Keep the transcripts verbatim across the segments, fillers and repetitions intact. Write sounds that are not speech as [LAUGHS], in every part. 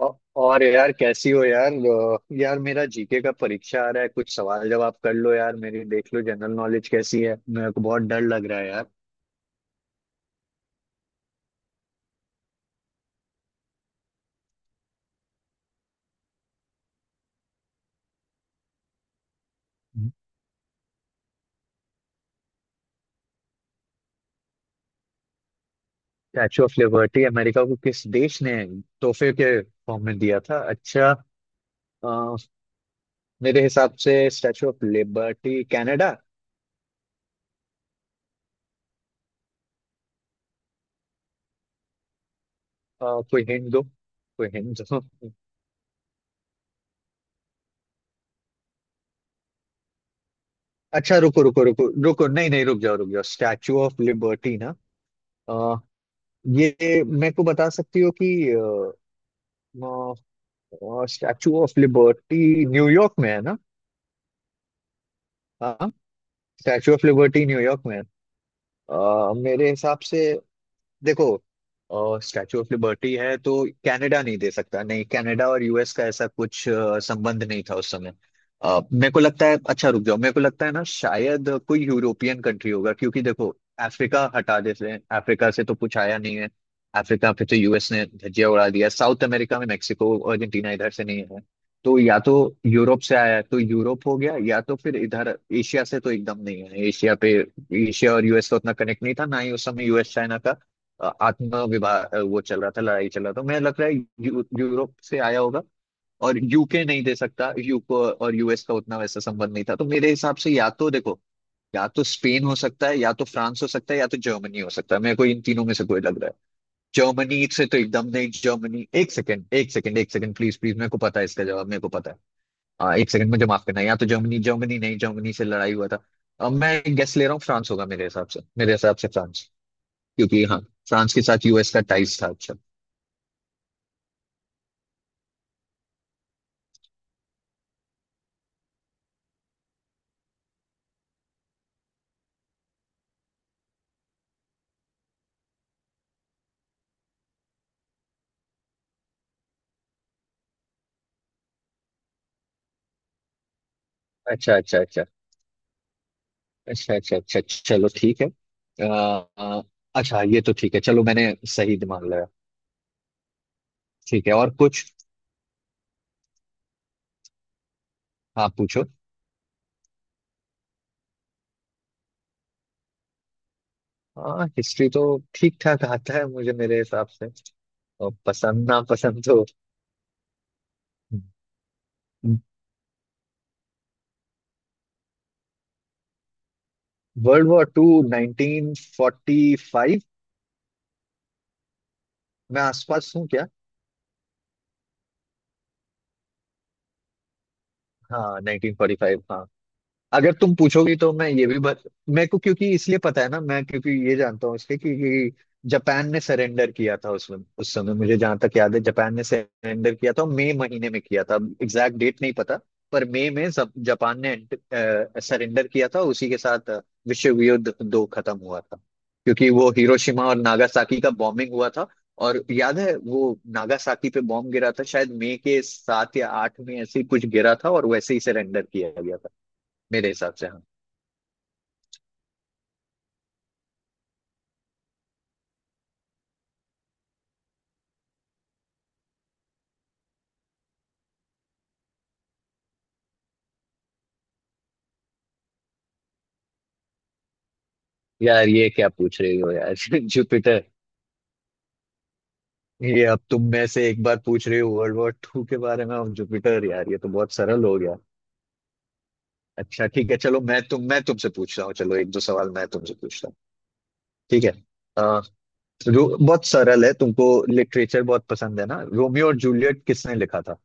औ- और यार कैसी हो यार अ, यार मेरा जीके का परीक्षा आ रहा है, कुछ सवाल जवाब कर लो यार, मेरी देख लो जनरल नॉलेज कैसी है, मेरे को बहुत डर लग रहा है यार। स्टैचू ऑफ लिबर्टी अमेरिका को किस देश ने तोहफे के फॉर्म में दिया था? अच्छा। अ, मेरे हिसाब से स्टैचू ऑफ लिबर्टी कनाडा। कोई हिंट दो, कोई हिंट दो। अच्छा रुको रुको रुको रुको, नहीं नहीं, रुक जाओ रुक जाओ, स्टैचू ऑफ लिबर्टी ना। अ, ये मेरे को बता सकती हो कि और स्टैचू ऑफ लिबर्टी न्यूयॉर्क में है ना? हाँ। स्टैचू ऑफ लिबर्टी न्यूयॉर्क में है। अ, मेरे हिसाब से, देखो स्टैचू ऑफ लिबर्टी है तो कनाडा नहीं दे सकता, नहीं, कनाडा और यूएस का ऐसा कुछ अ, संबंध नहीं था उस समय। अ, मेरे को लगता है, अच्छा रुक जाओ, मेरे को लगता है ना शायद कोई यूरोपियन कंट्री होगा, क्योंकि देखो अफ्रीका हटा देते हैं, अफ्रीका से तो कुछ आया नहीं है। अफ्रीका पे तो यूएस ने धज्जियां उड़ा दिया, साउथ अमेरिका में मेक्सिको, अर्जेंटीना, इधर से नहीं है। तो या तो यूरोप से आया है, तो यूरोप हो गया, या तो फिर इधर एशिया से, तो एकदम नहीं है एशिया पे। एशिया और यूएस का उतना कनेक्ट नहीं था, ना ही उस समय यूएस चाइना का अ, आत्म विवाह अ, वो चल रहा था, लड़ाई चल रहा था, मैं लग रहा है यू, यूरोप से आया होगा। और यूके नहीं दे सकता, यूको और यूएस का उतना वैसा संबंध नहीं था, तो मेरे हिसाब से या तो देखो, या तो स्पेन हो सकता है, या तो फ्रांस हो सकता है, या तो जर्मनी हो सकता है, मेरे को इन तीनों में से कोई लग रहा है। जर्मनी से तो एकदम नहीं, जर्मनी, एक सेकंड एक सेकंड एक सेकंड, प्लीज प्लीज, मेरे को पता है इसका जवाब, मेरे को पता है। हाँ एक सेकंड, मुझे माफ करना, या तो जर्मनी, जर्मनी नहीं, जर्मनी से लड़ाई हुआ था। अब मैं गेस ले रहा हूँ, फ्रांस होगा मेरे हिसाब से, मेरे हिसाब से फ्रांस, क्योंकि हाँ, फ्रांस के साथ यूएस का टाइज था। अच्छा, अच्छा अच्छा अच्छा, अच्छा अच्छा अच्छा, चलो ठीक है। आ, आ, अच्छा ये तो ठीक है, चलो मैंने सही मान लिया। ठीक है, और कुछ, आप पूछो। हाँ, हिस्ट्री तो ठीक ठाक आता है मुझे मेरे हिसाब से, और पसंद ना पसंद तो। World war to nineteen forty five? मैं आसपास हूँ क्या? हाँ नाइनटीन फोर्टी फाइव, हाँ। अगर तुम पूछोगी तो मैं ये भी बत... मेरे को क्योंकि इसलिए पता है ना, मैं क्योंकि ये जानता हूँ इसके कि, कि जापान ने सरेंडर किया था उसमें, उस समय मुझे जहां तक याद है जापान ने सरेंडर किया था मई महीने में किया था, अब एग्जैक्ट डेट नहीं पता। पर मई में सब जापान ने सरेंडर किया था, उसी के साथ अ, विश्व युद्ध दो खत्म हुआ था। क्योंकि वो हिरोशिमा और नागासाकी का बॉम्बिंग हुआ था, और याद है वो नागासाकी पे बॉम्ब गिरा था शायद मई के सात या आठ में, ऐसे ही कुछ गिरा था और वैसे ही सरेंडर किया गया था मेरे हिसाब से। हाँ, यार ये क्या पूछ रही हो यार, [LAUGHS] जुपिटर। ये अब तुम में से एक बार पूछ रही हो वर्ल्ड वॉर टू के बारे में और जुपिटर, यार ये तो बहुत सरल हो गया। अच्छा ठीक है, चलो मैं तुम मैं तुमसे पूछ रहा हूँ, चलो एक दो सवाल मैं तुमसे पूछता हूँ। ठीक है। आ, रो, बहुत सरल है, तुमको लिटरेचर बहुत पसंद है ना, रोमियो और जूलियट किसने लिखा था?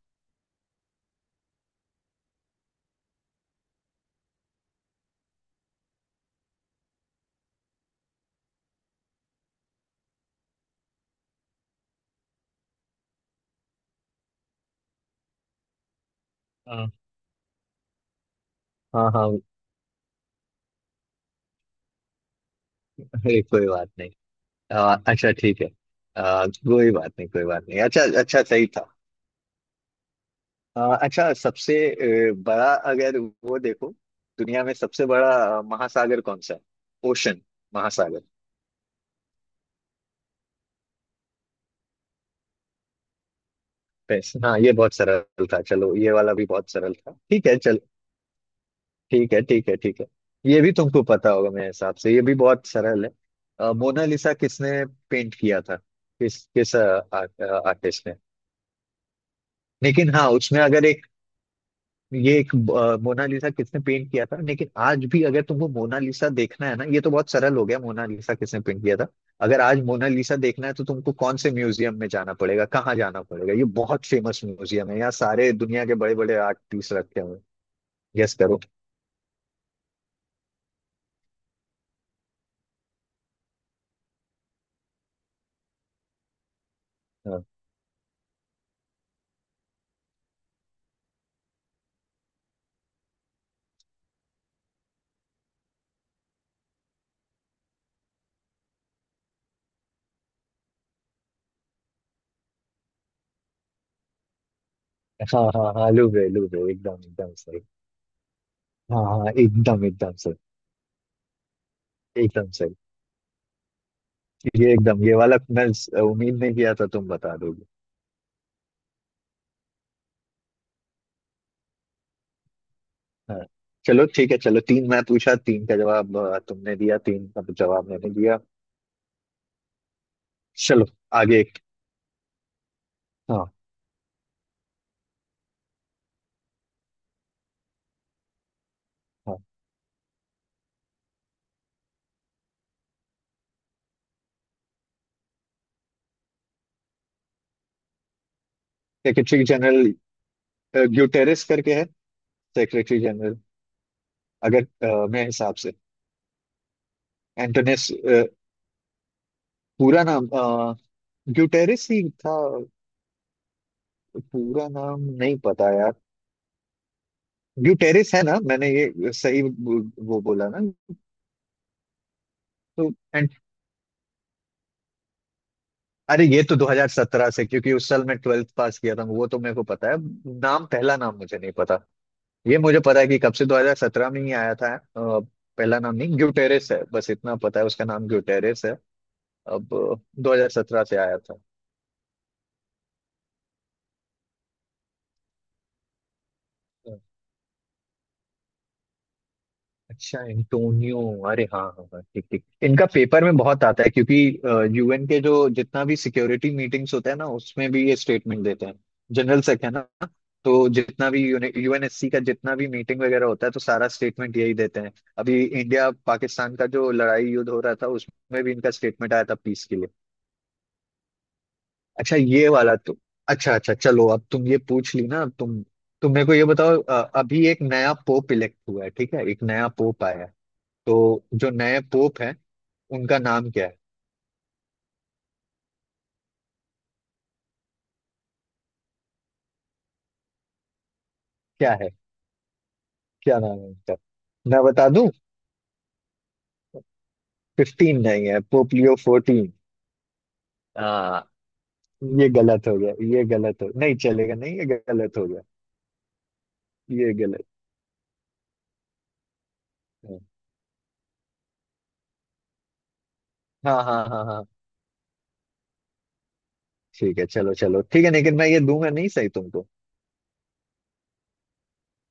हाँ हाँ हाँ। अरे कोई बात नहीं। आ, अच्छा ठीक है। आ, कोई बात नहीं, कोई बात नहीं, अच्छा अच्छा, सही था। अ, अच्छा सबसे अ, बड़ा, अगर वो देखो दुनिया में सबसे बड़ा अ, महासागर कौन सा है? ओशन, महासागर। बस, हाँ ये बहुत सरल था, चलो ये वाला भी बहुत सरल था, ठीक है चलो। ठीक है ठीक है ठीक है। ये भी तुमको पता होगा मेरे हिसाब से, ये भी बहुत सरल है। अ, मोनालिसा किसने पेंट किया था, किस किस आर्टिस्ट ने? लेकिन हाँ, उसमें अगर एक, ये एक अ, मोनालिसा किसने पेंट किया था, लेकिन आज भी अगर तुमको मोनालिसा देखना है ना, ये तो बहुत सरल हो गया मोनालिसा किसने पेंट किया था। अगर आज मोनालिसा देखना है तो तुमको कौन से म्यूजियम में जाना पड़ेगा, कहाँ जाना पड़ेगा? ये बहुत फेमस म्यूजियम है, यहाँ सारे दुनिया के बड़े बड़े आर्ट पीस रखे हुए। गेस करो। हाँ हाँ हाँ हाँ, लूब्रे, लूब्रे, एकदम एकदम सही। हाँ हाँ, एकदम एकदम सही, एकदम सही। ये एकदम ये वाला मैं उम्मीद नहीं किया था तुम बता दोगे। हाँ, चलो ठीक है, चलो तीन मैं पूछा, तीन का जवाब अ, तुमने दिया, तीन का जवाब मैंने दिया। चलो आगे एक। हाँ हाँ। सेक्रेटरी जनरल अ, ग्यूटेरेस करके है, सेक्रेटरी जनरल, अगर अ, मेरे हिसाब से एंटोनेस अ, पूरा नाम अ, ग्यूटेरेस ही था, पूरा नाम नहीं पता यार। ग्यूटेरेस है ना, मैंने ये सही बो- वो बोला ना। तो एंड, अरे ये तो दो हज़ार सत्रह से, क्योंकि उस साल मैं ट्वेल्थ पास किया था, वो तो मेरे को पता है। नाम, पहला नाम मुझे नहीं पता। ये मुझे पता है कि कब से, दो हज़ार सत्रह में ही आया था। अ, पहला नाम नहीं, ग्यूटेरेस है, बस इतना पता है, उसका नाम ग्यूटेरेस है। अब अ, दो हज़ार सत्रह से आया था। अच्छा, एंटोनियो, अरे हाँ हाँ हाँ, ठीक ठीक, इनका पेपर में बहुत आता है, क्योंकि यूएन के जो जितना भी सिक्योरिटी मीटिंग्स होते हैं ना, उसमें भी ये स्टेटमेंट देते हैं, जनरल सेक है ना। तो जितना भी यूएनएससी का जितना भी मीटिंग वगैरह होता है, तो सारा स्टेटमेंट यही देते हैं। अभी इंडिया पाकिस्तान का जो लड़ाई युद्ध हो रहा था, उसमें भी इनका स्टेटमेंट आया था पीस के लिए। अच्छा ये वाला तुम, अच्छा अच्छा, चलो अब तुम ये पूछ ली ना, अब तुम तुम मेरे को ये बताओ, अ, अभी एक नया पोप इलेक्ट हुआ है, ठीक है, एक नया पोप आया है, तो जो नए पोप हैं, उनका नाम क्या है? क्या है, क्या नाम है उनका, मैं बता दूं? फिफ्टीन नहीं है, पोप लियो फोर्टीन। आ, ये गलत हो गया, ये गलत हो नहीं चलेगा, नहीं ये गलत हो गया, ये गलत है। हाँ हाँ हाँ हाँ, ठीक है, चलो चलो ठीक है, लेकिन मैं ये दूंगा नहीं सही तुमको।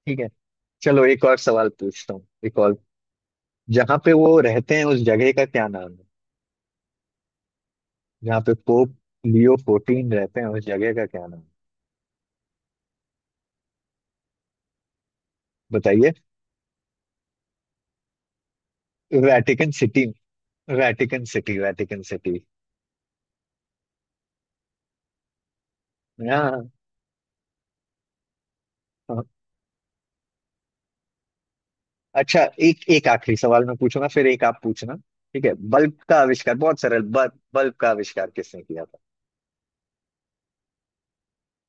ठीक है, चलो एक और सवाल पूछता हूँ, एक और। जहाँ पे वो रहते हैं, उस जगह का क्या नाम है? जहाँ पे पोप लियो फोर्टीन रहते हैं, उस जगह का क्या नाम है? बताइए। Vatican City, Vatican City, Vatican City. हाँ हाँ। अच्छा, एक एक आखिरी सवाल मैं पूछूंगा, फिर एक आप पूछना। ठीक है, बल्ब का आविष्कार, बहुत सरल, बल्ब बल्ब का आविष्कार किसने किया था?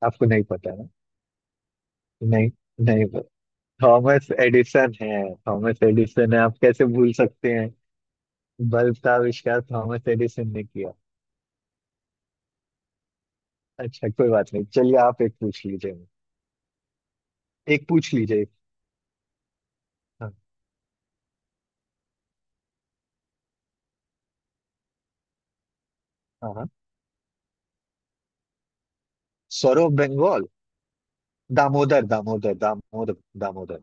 आपको नहीं पता है ना? नहीं, नहीं पता। थॉमस एडिसन है, थॉमस एडिसन है, आप कैसे भूल सकते हैं, बल्ब का आविष्कार थॉमस एडिसन ने किया। अच्छा कोई बात नहीं, चलिए आप एक पूछ लीजिए, एक पूछ लीजिए एक- हाँ हाँ हाँ। सौरव बंगाल, दामोदर दामोदर दामोदर, दामोदर।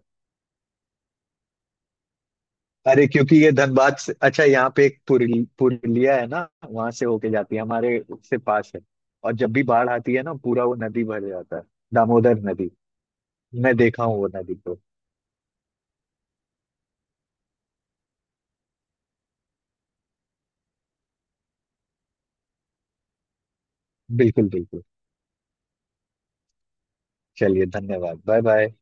अरे क्योंकि ये धनबाद से, अच्छा यहाँ पे एक पुरुल- पुरुलिया है ना, वहां से होके जाती है, हमारे से पास है। और जब भी बाढ़ आती है ना, पूरा वो नदी भर जाता है, दामोदर नदी। मैं देखा हूँ वो नदी को। बिल्कुल बिल्कुल। चलिए धन्यवाद, बाय बाय।